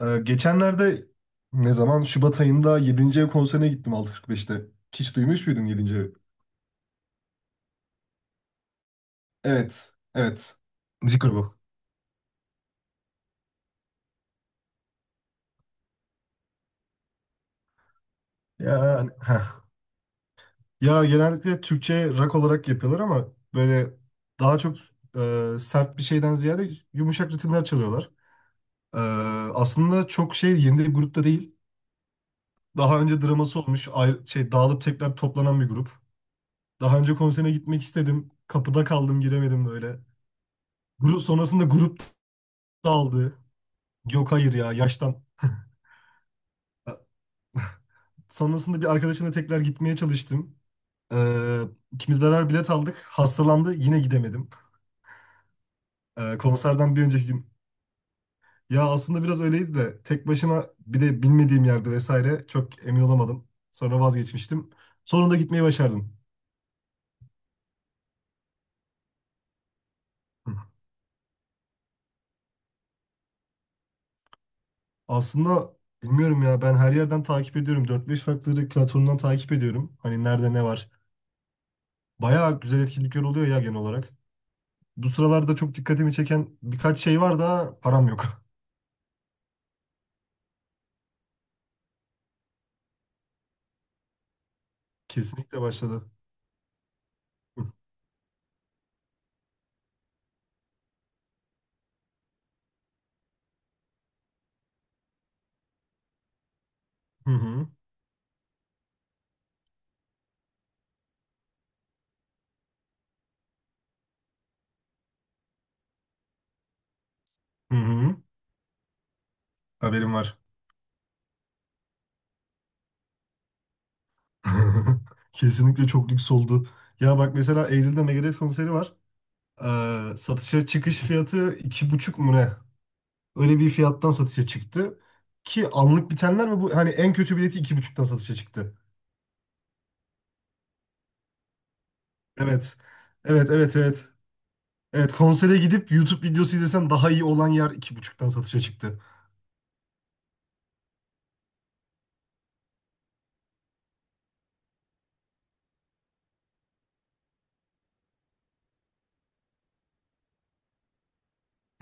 Geçenlerde ne zaman? Şubat ayında 7. ev konserine gittim 6.45'te. Hiç duymuş muydun 7. evi? Evet. Evet. Müzik grubu. Yani. Ya genellikle Türkçe rock olarak yapıyorlar ama böyle daha çok sert bir şeyden ziyade yumuşak ritimler çalıyorlar. E, Aslında çok şey yeni bir grupta değil. Daha önce draması olmuş, ayrı, şey dağılıp tekrar toplanan bir grup. Daha önce konserine gitmek istedim. Kapıda kaldım, giremedim böyle. Grup sonrasında grup dağıldı. Yok hayır ya yaştan. E, Sonrasında bir arkadaşımla tekrar gitmeye çalıştım. Ee, ikimiz beraber bilet aldık. Hastalandı, yine gidemedim. Konserden bir önceki gün. Ya aslında biraz öyleydi de tek başıma bir de bilmediğim yerde vesaire çok emin olamadım. Sonra vazgeçmiştim. Sonunda gitmeyi başardım. Hı. Aslında bilmiyorum ya, ben her yerden takip ediyorum. Dört beş farklı platformdan takip ediyorum. Hani nerede ne var. Bayağı güzel etkinlikler oluyor ya genel olarak. Bu sıralarda çok dikkatimi çeken birkaç şey var da param yok. Kesinlikle başladı. Hı hı. Hı hı. Haberim var. Kesinlikle çok lüks oldu. Ya bak mesela Eylül'de Megadeth konseri var. Satışa çıkış fiyatı iki buçuk mu ne? Öyle bir fiyattan satışa çıktı. Ki anlık bitenler ve bu hani en kötü bileti iki buçuktan satışa çıktı. Evet. Evet, evet, evet. Evet, konsere gidip YouTube videosu izlesen daha iyi olan yer iki buçuktan satışa çıktı.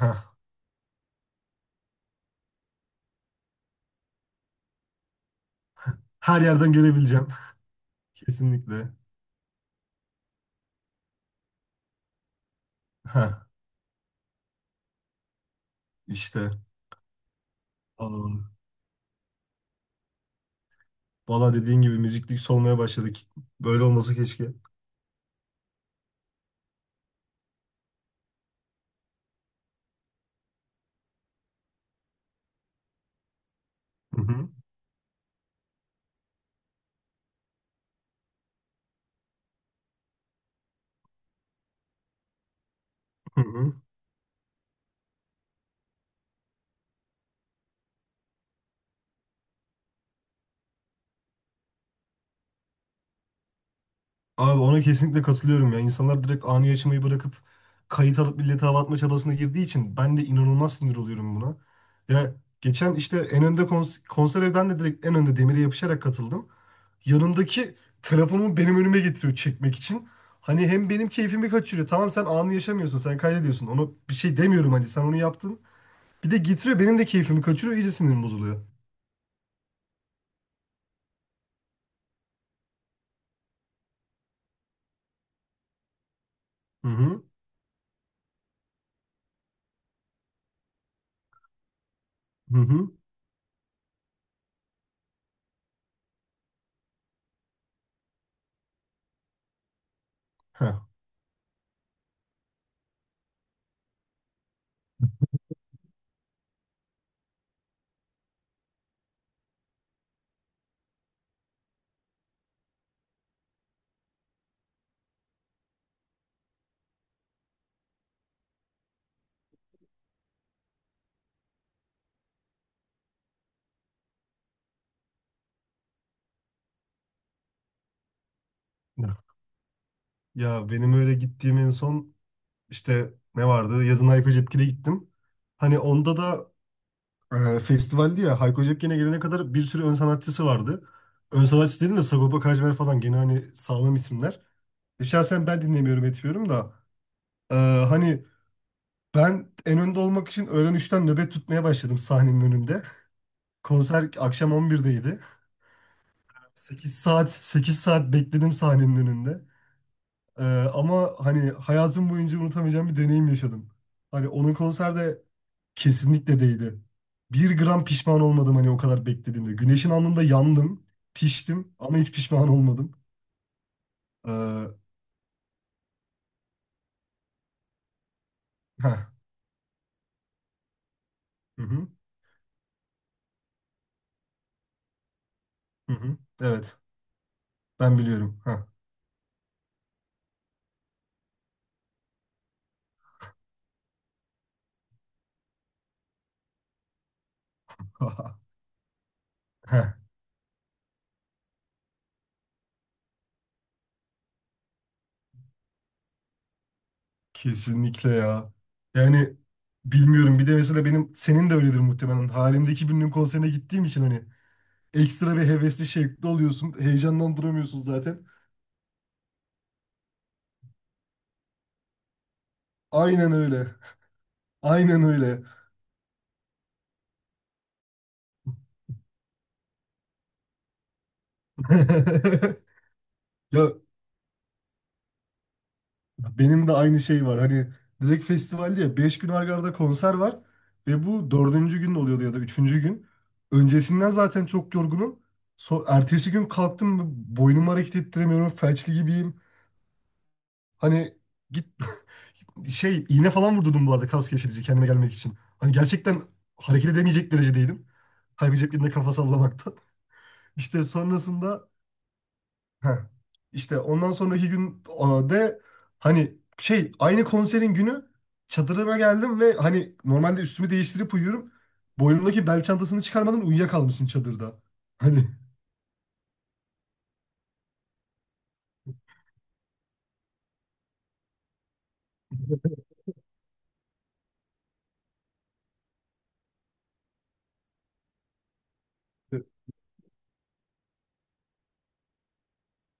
Heh. Her yerden görebileceğim. Kesinlikle. Heh, işte. Aa, Valla dediğin gibi müziklik solmaya başladık. Böyle olmasa keşke. Hı hı. Hı hı. Abi ona kesinlikle katılıyorum ya. İnsanlar direkt anı yaşamayı bırakıp kayıt alıp millete hava atma çabasına girdiği için ben de inanılmaz sinir oluyorum buna. Ya geçen işte en önde konsere ben de direkt en önde demire yapışarak katıldım. Yanındaki telefonumu benim önüme getiriyor çekmek için. Hani hem benim keyfimi kaçırıyor. Tamam, sen anı yaşamıyorsun, sen kaydediyorsun. Ona bir şey demiyorum, hani sen onu yaptın. Bir de getiriyor, benim de keyfimi kaçırıyor. İyice sinirim bozuluyor. Hı hı. Hı hı. Heh. Ya benim öyle gittiğim en son işte ne vardı? Yazın Hayko Cepkin'e gittim. Hani onda da festivaldi ya, Hayko Cepkin'e gelene kadar bir sürü ön sanatçısı vardı. Ön sanatçı dedim de Sagopa Kajmer falan, gene hani sağlam isimler. Şahsen ben dinlemiyorum etmiyorum da e, hani ben en önde olmak için öğlen 3'ten nöbet tutmaya başladım sahnenin önünde. Konser akşam 11'deydi. 8 saat, 8 saat bekledim sahnenin önünde. E, Ama hani hayatım boyunca unutamayacağım bir deneyim yaşadım. Hani onun konserde Kesinlikle değdi. Bir gram pişman olmadım hani, o kadar beklediğimde. Güneşin alnında yandım, piştim ama hiç pişman olmadım. Ee, heh, hı hı, hı hı. Evet, ben biliyorum. Heh, Kesinlikle ya. Yani bilmiyorum, bir de mesela benim senin de öyledir muhtemelen. Halimdeki birinin konserine gittiğim için hani ekstra bir hevesli şevkli oluyorsun. Heyecandan duramıyorsun zaten. Aynen öyle. Aynen öyle. Ya benim de aynı şey var. Hani direkt festivalde ya 5 gün arda arda konser var ve bu dördüncü gün oluyordu ya da üçüncü gün. Öncesinden zaten çok yorgunum. So ertesi gün kalktım, boynumu hareket ettiremiyorum. Felçli gibiyim. Hani git şey iğne falan vurdurdum bu arada, kas gevşetici kendime gelmek için. Hani gerçekten hareket edemeyecek derecedeydim. Halbuki cep yerine kafa sallamaktan. İşte sonrasında Heh. İşte ondan sonraki gün a, de hani şey aynı konserin günü çadırıma geldim ve hani normalde üstümü değiştirip uyuyorum. Boynumdaki bel çantasını çıkarmadan uyuyakalmışım çadırda. Hani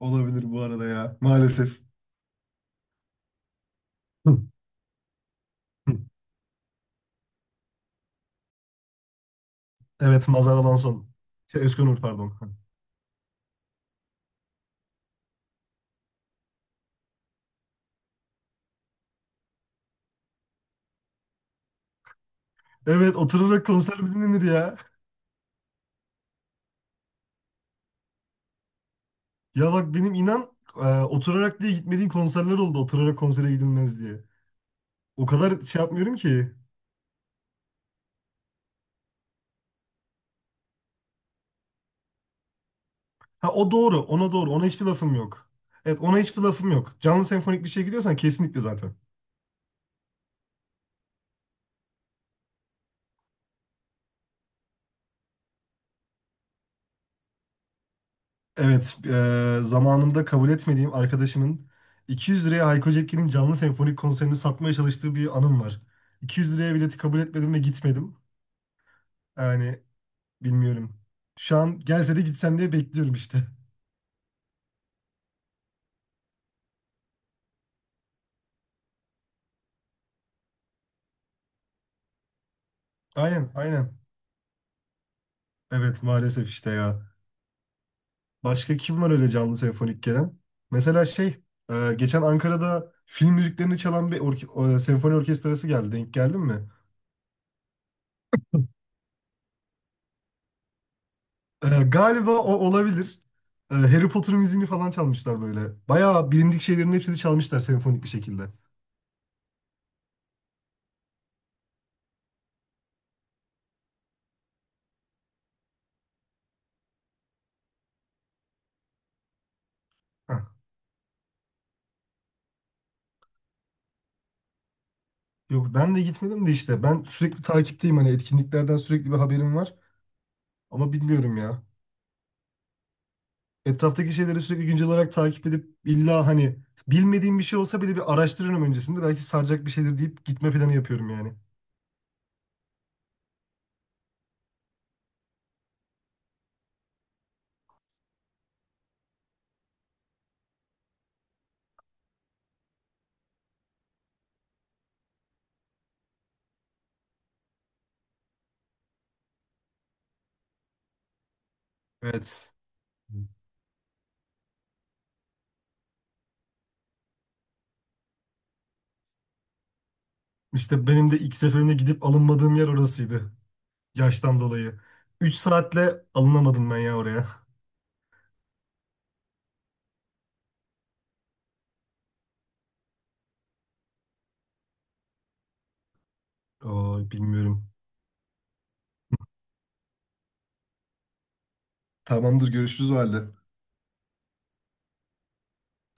olabilir bu arada ya maalesef. Hı. Hı. Evet, Mazara'dan son. Şey, Özkan Uğur, pardon. Hı. Evet, oturarak konser mi dinlenir ya? Ya bak benim inan oturarak diye gitmediğim konserler oldu. Oturarak konsere gidilmez diye. O kadar şey yapmıyorum ki. Ha o doğru. Ona doğru. Ona hiçbir lafım yok. Evet, ona hiçbir lafım yok. Canlı senfonik bir şey gidiyorsan kesinlikle zaten. Evet, zamanında kabul etmediğim arkadaşımın 200 liraya Hayko Cepkin'in canlı senfonik konserini satmaya çalıştığı bir anım var. 200 liraya bileti kabul etmedim ve gitmedim. Yani bilmiyorum. Şu an gelse de gitsem diye bekliyorum işte. Aynen aynen. Evet, maalesef işte ya. Başka kim var öyle canlı senfonik gelen? Mesela şey, geçen Ankara'da film müziklerini çalan bir senfoni orkestrası geldi. Denk geldin mi? Galiba o olabilir. Harry Potter müziğini falan çalmışlar böyle. Bayağı bilindik şeylerin hepsini çalmışlar senfonik bir şekilde. Heh. Yok ben de gitmedim de işte. Ben sürekli takipteyim hani, etkinliklerden sürekli bir haberim var. Ama bilmiyorum ya. Etraftaki şeyleri sürekli güncel olarak takip edip illa hani bilmediğim bir şey olsa bile bir araştırıyorum öncesinde. Belki saracak bir şeydir deyip gitme planı yapıyorum yani. Evet. İşte benim de ilk seferimde gidip alınmadığım yer orasıydı. Yaştan dolayı. 3 saatle alınamadım ben ya oraya. Bilmiyorum. Tamamdır, görüşürüz o halde.